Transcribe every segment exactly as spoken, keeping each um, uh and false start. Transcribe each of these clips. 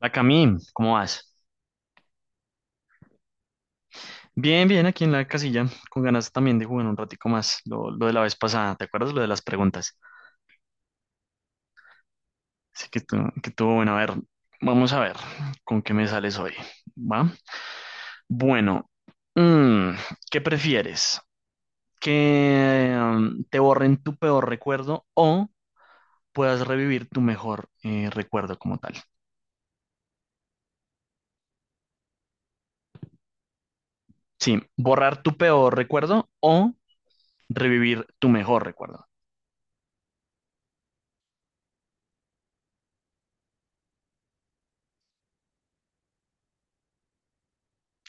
La Camín, ¿cómo vas? Bien, bien, aquí en la casilla, con ganas también de jugar un ratico más, lo, lo de la vez pasada, ¿te acuerdas lo de las preguntas? Así que tú, que tú, bueno, a ver, vamos a ver con qué me sales hoy, ¿va? Bueno, mm, ¿qué prefieres? ¿Que mm, te borren tu peor recuerdo o puedas revivir tu mejor eh, recuerdo como tal? Sí, borrar tu peor recuerdo o revivir tu mejor recuerdo,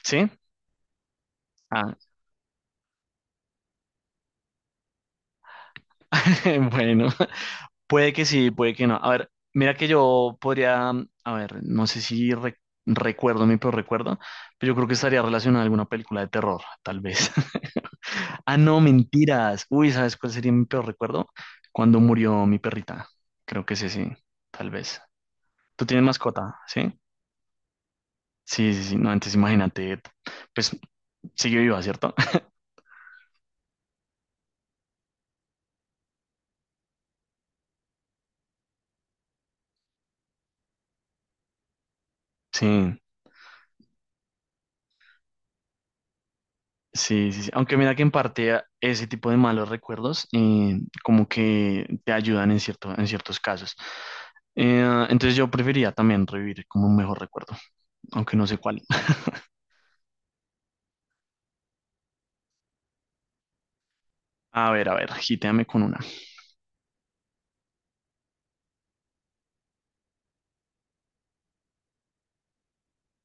¿sí? Ah, bueno, puede que sí, puede que no. A ver, mira que yo podría, mm, a ver, no sé si re- recuerdo mi peor recuerdo, pero yo creo que estaría relacionado a alguna película de terror, tal vez. Ah, no, mentiras. Uy, ¿sabes cuál sería mi peor recuerdo? Cuando murió mi perrita. Creo que sí, sí, tal vez. ¿Tú tienes mascota? ¿Sí? Sí, sí, sí. No, antes imagínate, pues sigue viva, ¿cierto? Sí. Sí, sí, sí. Aunque mira que en parte a- ese tipo de malos recuerdos eh, como que te ayudan en cierto, en ciertos casos. Eh, entonces yo preferiría también revivir como un mejor recuerdo, aunque no sé cuál. A ver, a ver, gíteame con una.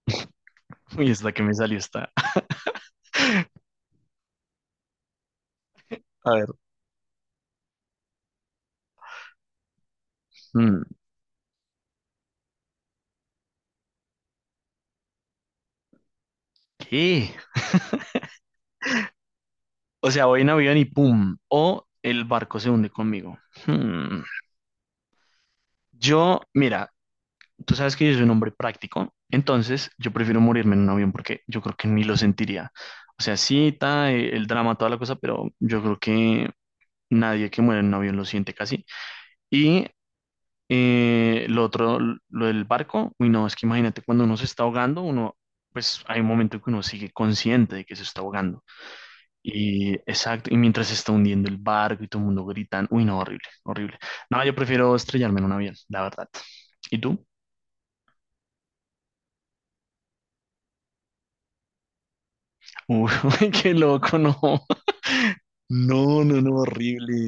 Uy, esta que me salió está. A ver. Mm, ¿Qué? O sea, voy en avión y pum. O el barco se hunde conmigo. Hmm. Yo, mira, tú sabes que yo soy un hombre práctico, entonces yo prefiero morirme en un avión porque yo creo que ni lo sentiría. O sea, sí está eh, el drama, toda la cosa, pero yo creo que nadie que muere en un avión lo siente casi. Y eh, lo otro, lo del barco, uy, no, es que imagínate cuando uno se está ahogando, uno, pues hay un momento en que uno sigue consciente de que se está ahogando. Y exacto, y mientras se está hundiendo el barco y todo el mundo gritan, uy, no, horrible, horrible. No, yo prefiero estrellarme en un avión, la verdad. ¿Y tú? Uy, qué loco, no. No, no, no, horrible.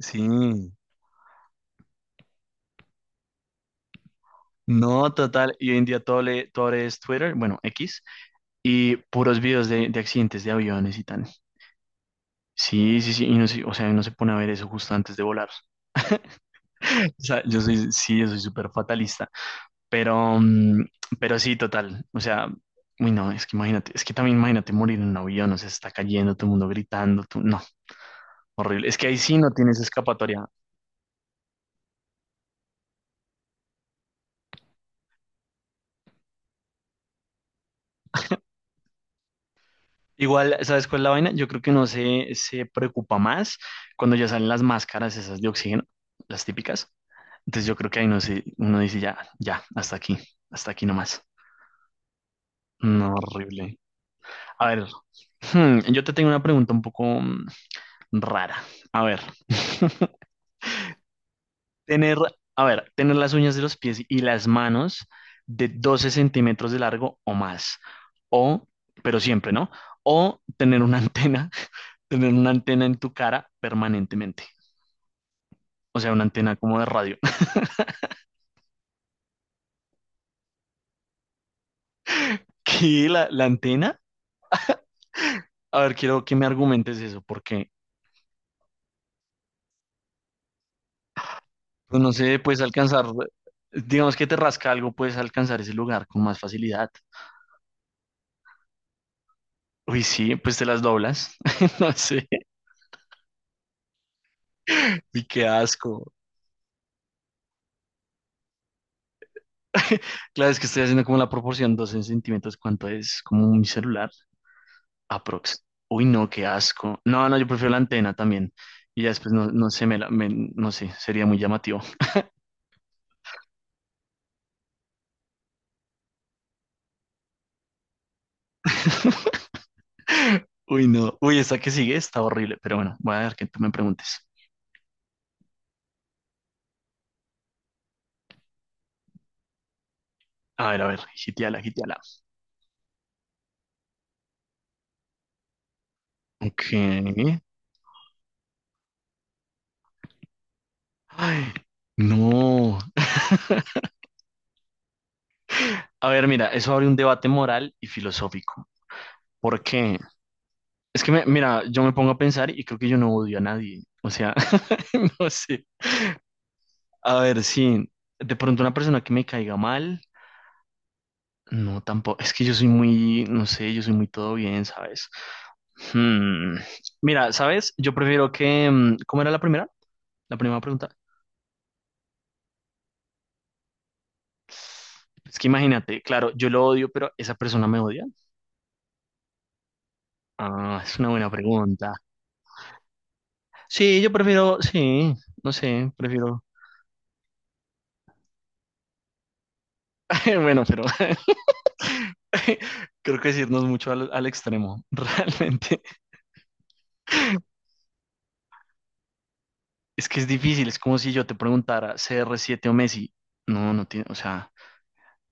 Sí. No, total. Y hoy en día todo, le, todo es Twitter, bueno, X, y puros videos de, de accidentes de aviones y tal. Sí, sí, sí. Y no, se- o sea, uno se pone a ver eso justo antes de volar. O sea, yo soy, sí, yo soy súper fatalista. Pero, mm, pero sí, total. O sea, uy, no, es que imagínate, es que también imagínate morir en un avión, o sea, se está cayendo, todo el mundo gritando, tú, no, horrible. Es que ahí sí no tienes escapatoria. Igual, ¿sabes cuál es la vaina? Yo creo que uno se, se preocupa más cuando ya salen las máscaras esas de oxígeno, las típicas. Entonces yo creo que ahí no se, uno dice ya, ya, hasta aquí, hasta aquí nomás. No, horrible. A ver, hmm, yo te tengo una pregunta un poco mm, rara. A ver, tener, a ver, tener las uñas de los pies y las manos de doce centímetros de largo o más. O, pero siempre, ¿no? O tener una antena tener una antena en tu cara permanentemente. O sea, una antena como de radio. ¿Qué? la, la antena, a ver, quiero que me argumentes eso, porque pues, no sé, puedes alcanzar, digamos que te rasca algo, puedes alcanzar ese lugar con más facilidad. Uy, sí, pues te las doblas. No sé, y qué asco. Claro, es que estoy haciendo como la proporción doce centímetros, ¿cuánto es? Como mi celular, aprox. Uy, no, qué asco. No, no, yo prefiero la antena también. Y ya después, no, no sé, me la- me- no sé, sería muy llamativo. Uy, no. Uy, esta que sigue está horrible, pero bueno, voy a ver que tú me preguntes. A ver, a ver, gitiala, gitiala. Ok. Ay, no. A ver, mira, eso abre un debate moral y filosófico. ¿Por qué? Es que, me- mira, yo me pongo a pensar y creo que yo no odio a nadie. O sea, no sé. A ver, sí, de pronto una persona que me caiga mal, no, tampoco. Es que yo soy muy, no sé, yo soy muy todo bien, ¿sabes? Hmm, Mira, ¿sabes? Yo prefiero que... mm, ¿Cómo era la primera? La primera pregunta. Es que imagínate, claro, yo lo odio, pero esa persona me odia. Ah, es una buena pregunta. Sí, yo prefiero, sí, no sé, prefiero. Bueno, pero creo que decirnos mucho al, al extremo, realmente. Es que es difícil, es como si yo te preguntara C R siete o Messi. No, no tiene, o sea,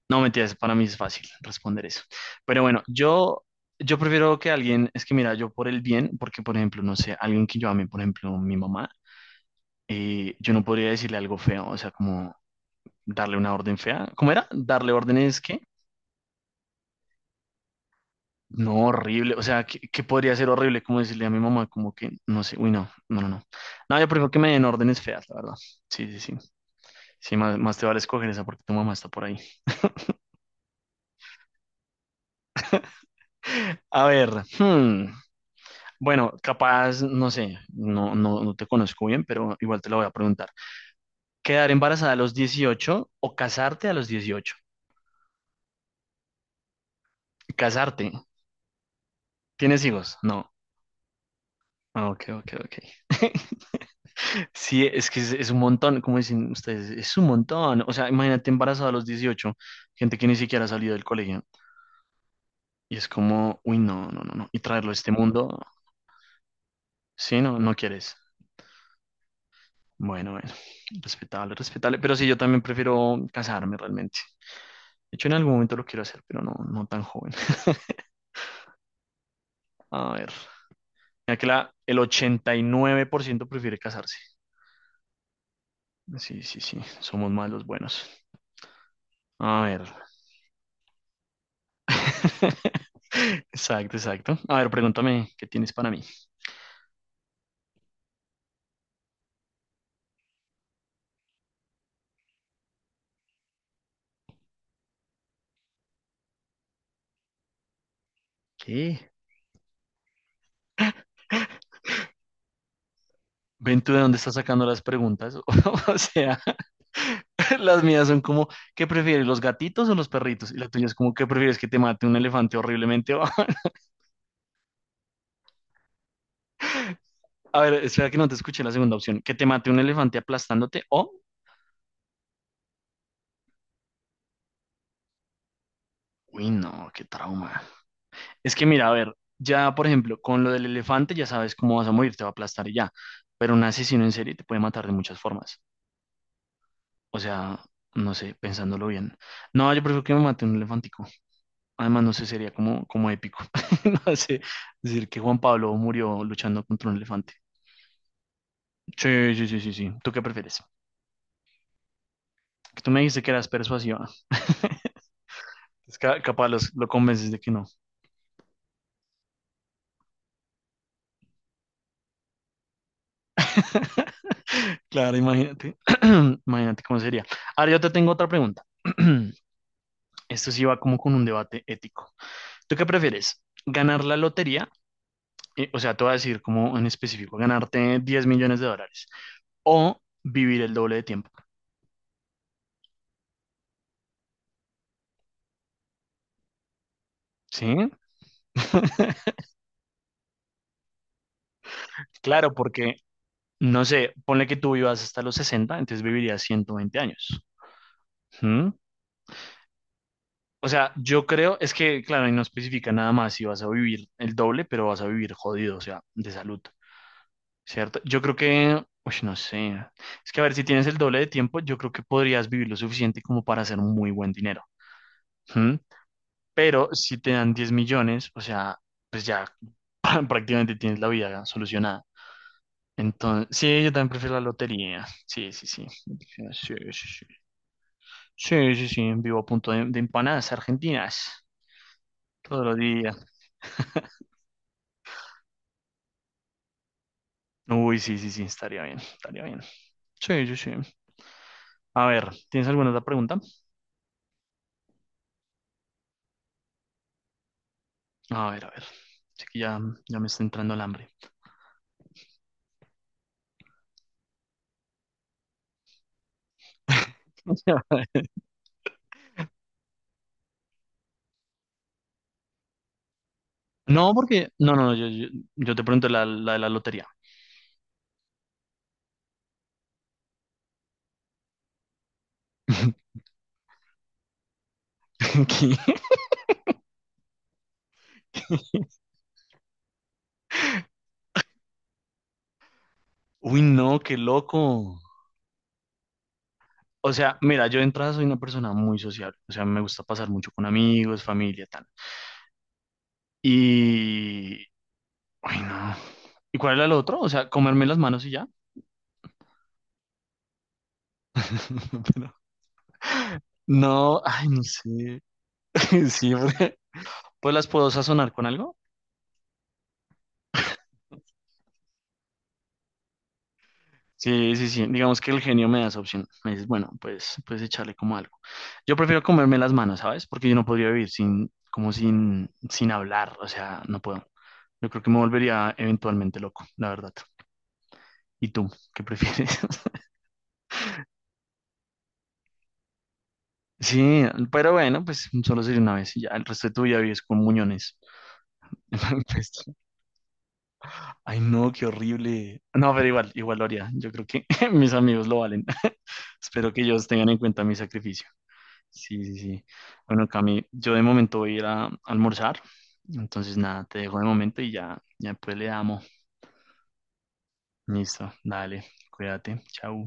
no, mentiras, para mí es fácil responder eso. Pero bueno, yo, yo prefiero que alguien, es que mira, yo por el bien, porque por ejemplo, no sé, alguien que yo ame, por ejemplo, mi mamá, eh, yo no podría decirle algo feo, o sea, como darle una orden fea. ¿Cómo era? ¿Darle órdenes qué? No, horrible, o sea, ¿qué, qué podría ser horrible? Como decirle a mi mamá, como que, no sé, uy, no, no, no, no. No, yo prefiero que me den órdenes feas, la verdad. Sí, sí, sí. Sí, más, más te vale escoger esa porque tu mamá está por ahí. A ver, hmm. Bueno, capaz, no sé, no, no, no te conozco bien, pero igual te lo voy a preguntar. ¿Quedar embarazada a los dieciocho o casarte a los dieciocho? Casarte. ¿Tienes hijos? No. Ah, ok, ok, ok. Sí, es que es, es un montón, como dicen ustedes, es un montón. O sea, imagínate embarazada a los dieciocho, gente que ni siquiera ha salido del colegio. Y es como, uy, no, no, no, no. Y traerlo a este mundo, sí, no, no quieres. Bueno, bueno, respetable, respetable. Pero sí, yo también prefiero casarme realmente. De hecho, en algún momento lo quiero hacer, pero no, no tan joven. A ver. Mira que la, el ochenta y nueve por ciento prefiere casarse. Sí, sí, sí. Somos más los buenos. A ver. Exacto, exacto. A ver, pregúntame, ¿qué tienes para mí? ¿Qué? ¿Ven tú de dónde estás sacando las preguntas? O sea, las mías son como, ¿qué prefieres, los gatitos o los perritos? Y la tuya es como, ¿qué prefieres que te mate un elefante horriblemente? A ver, espera que no te escuché la segunda opción. Que te mate un elefante aplastándote o... Uy, no, qué trauma. Es que mira, a ver, ya por ejemplo, con lo del elefante ya sabes cómo vas a morir, te va a aplastar y ya. Pero un asesino en serie te puede matar de muchas formas. O sea, no sé, pensándolo bien. No, yo prefiero que me mate un elefantico. Además, no sé, sería como, como épico. No sé, decir que Juan Pablo murió luchando contra un elefante. Sí, sí, sí, sí, sí. ¿Tú qué prefieres? Que tú me dijiste que eras persuasiva. Es ca- capaz los- lo convences de que no. Claro, imagínate. Imagínate cómo sería. Ahora yo te tengo otra pregunta. Esto sí va como con un debate ético. ¿Tú qué prefieres? ¿Ganar la lotería? Eh, o sea, te voy a decir como en específico, ganarte diez millones de dólares o vivir el doble de tiempo. ¿Sí? Claro, porque, no sé, ponle que tú vivas hasta los sesenta, entonces vivirías ciento veinte años. ¿Mm? O sea, yo creo, es que, claro, y no especifica nada más si vas a vivir el doble, pero vas a vivir jodido, o sea, de salud. ¿Cierto? Yo creo que, uy, no sé, es que a ver, si tienes el doble de tiempo, yo creo que podrías vivir lo suficiente como para hacer muy buen dinero. ¿Mm? Pero si te dan diez millones, o sea, pues ya prácticamente tienes la vida solucionada. Entonces, sí, yo también prefiero la lotería. Sí, sí, sí. Sí, sí, sí. Sí, sí, sí. Vivo a punto de, de empanadas argentinas todos los días. Uy, sí, sí, sí, estaría bien, estaría bien. Sí, sí, sí. A ver, ¿tienes alguna otra pregunta? A ver, a ver. Así que ya, ya me está entrando el hambre. No, porque. No, no, no, yo, yo, yo te pregunto la, la de la lotería. ¿Qué? Uy, no, qué loco. O sea, mira, yo de entrada soy una persona muy sociable. O sea, me gusta pasar mucho con amigos, familia, tal. Y. Uy, no. ¿Y cuál era el otro? O sea, comerme las manos y ya. Pero- No, ay, no sé. Sí, porque- pues las puedo sazonar con algo. Sí, sí, sí. Digamos que el genio me da esa opción. Me dices, bueno, pues, pues echarle como algo. Yo prefiero comerme las manos, ¿sabes? Porque yo no podría vivir sin, como sin, sin hablar. O sea, no puedo. Yo creo que me volvería eventualmente loco, la verdad. ¿Y tú? ¿Qué prefieres? Sí, pero bueno, pues solo sería una vez y ya. El resto de tu vida vives con muñones. Pues, ay, no, qué horrible. No, pero igual, igual lo haría. Yo creo que mis amigos lo valen. Espero que ellos tengan en cuenta mi sacrificio. Sí, sí, sí. Bueno, Cami, yo de momento voy a ir a almorzar. Entonces, nada, te dejo de momento y ya, ya después le damos. Listo, dale, cuídate, chao.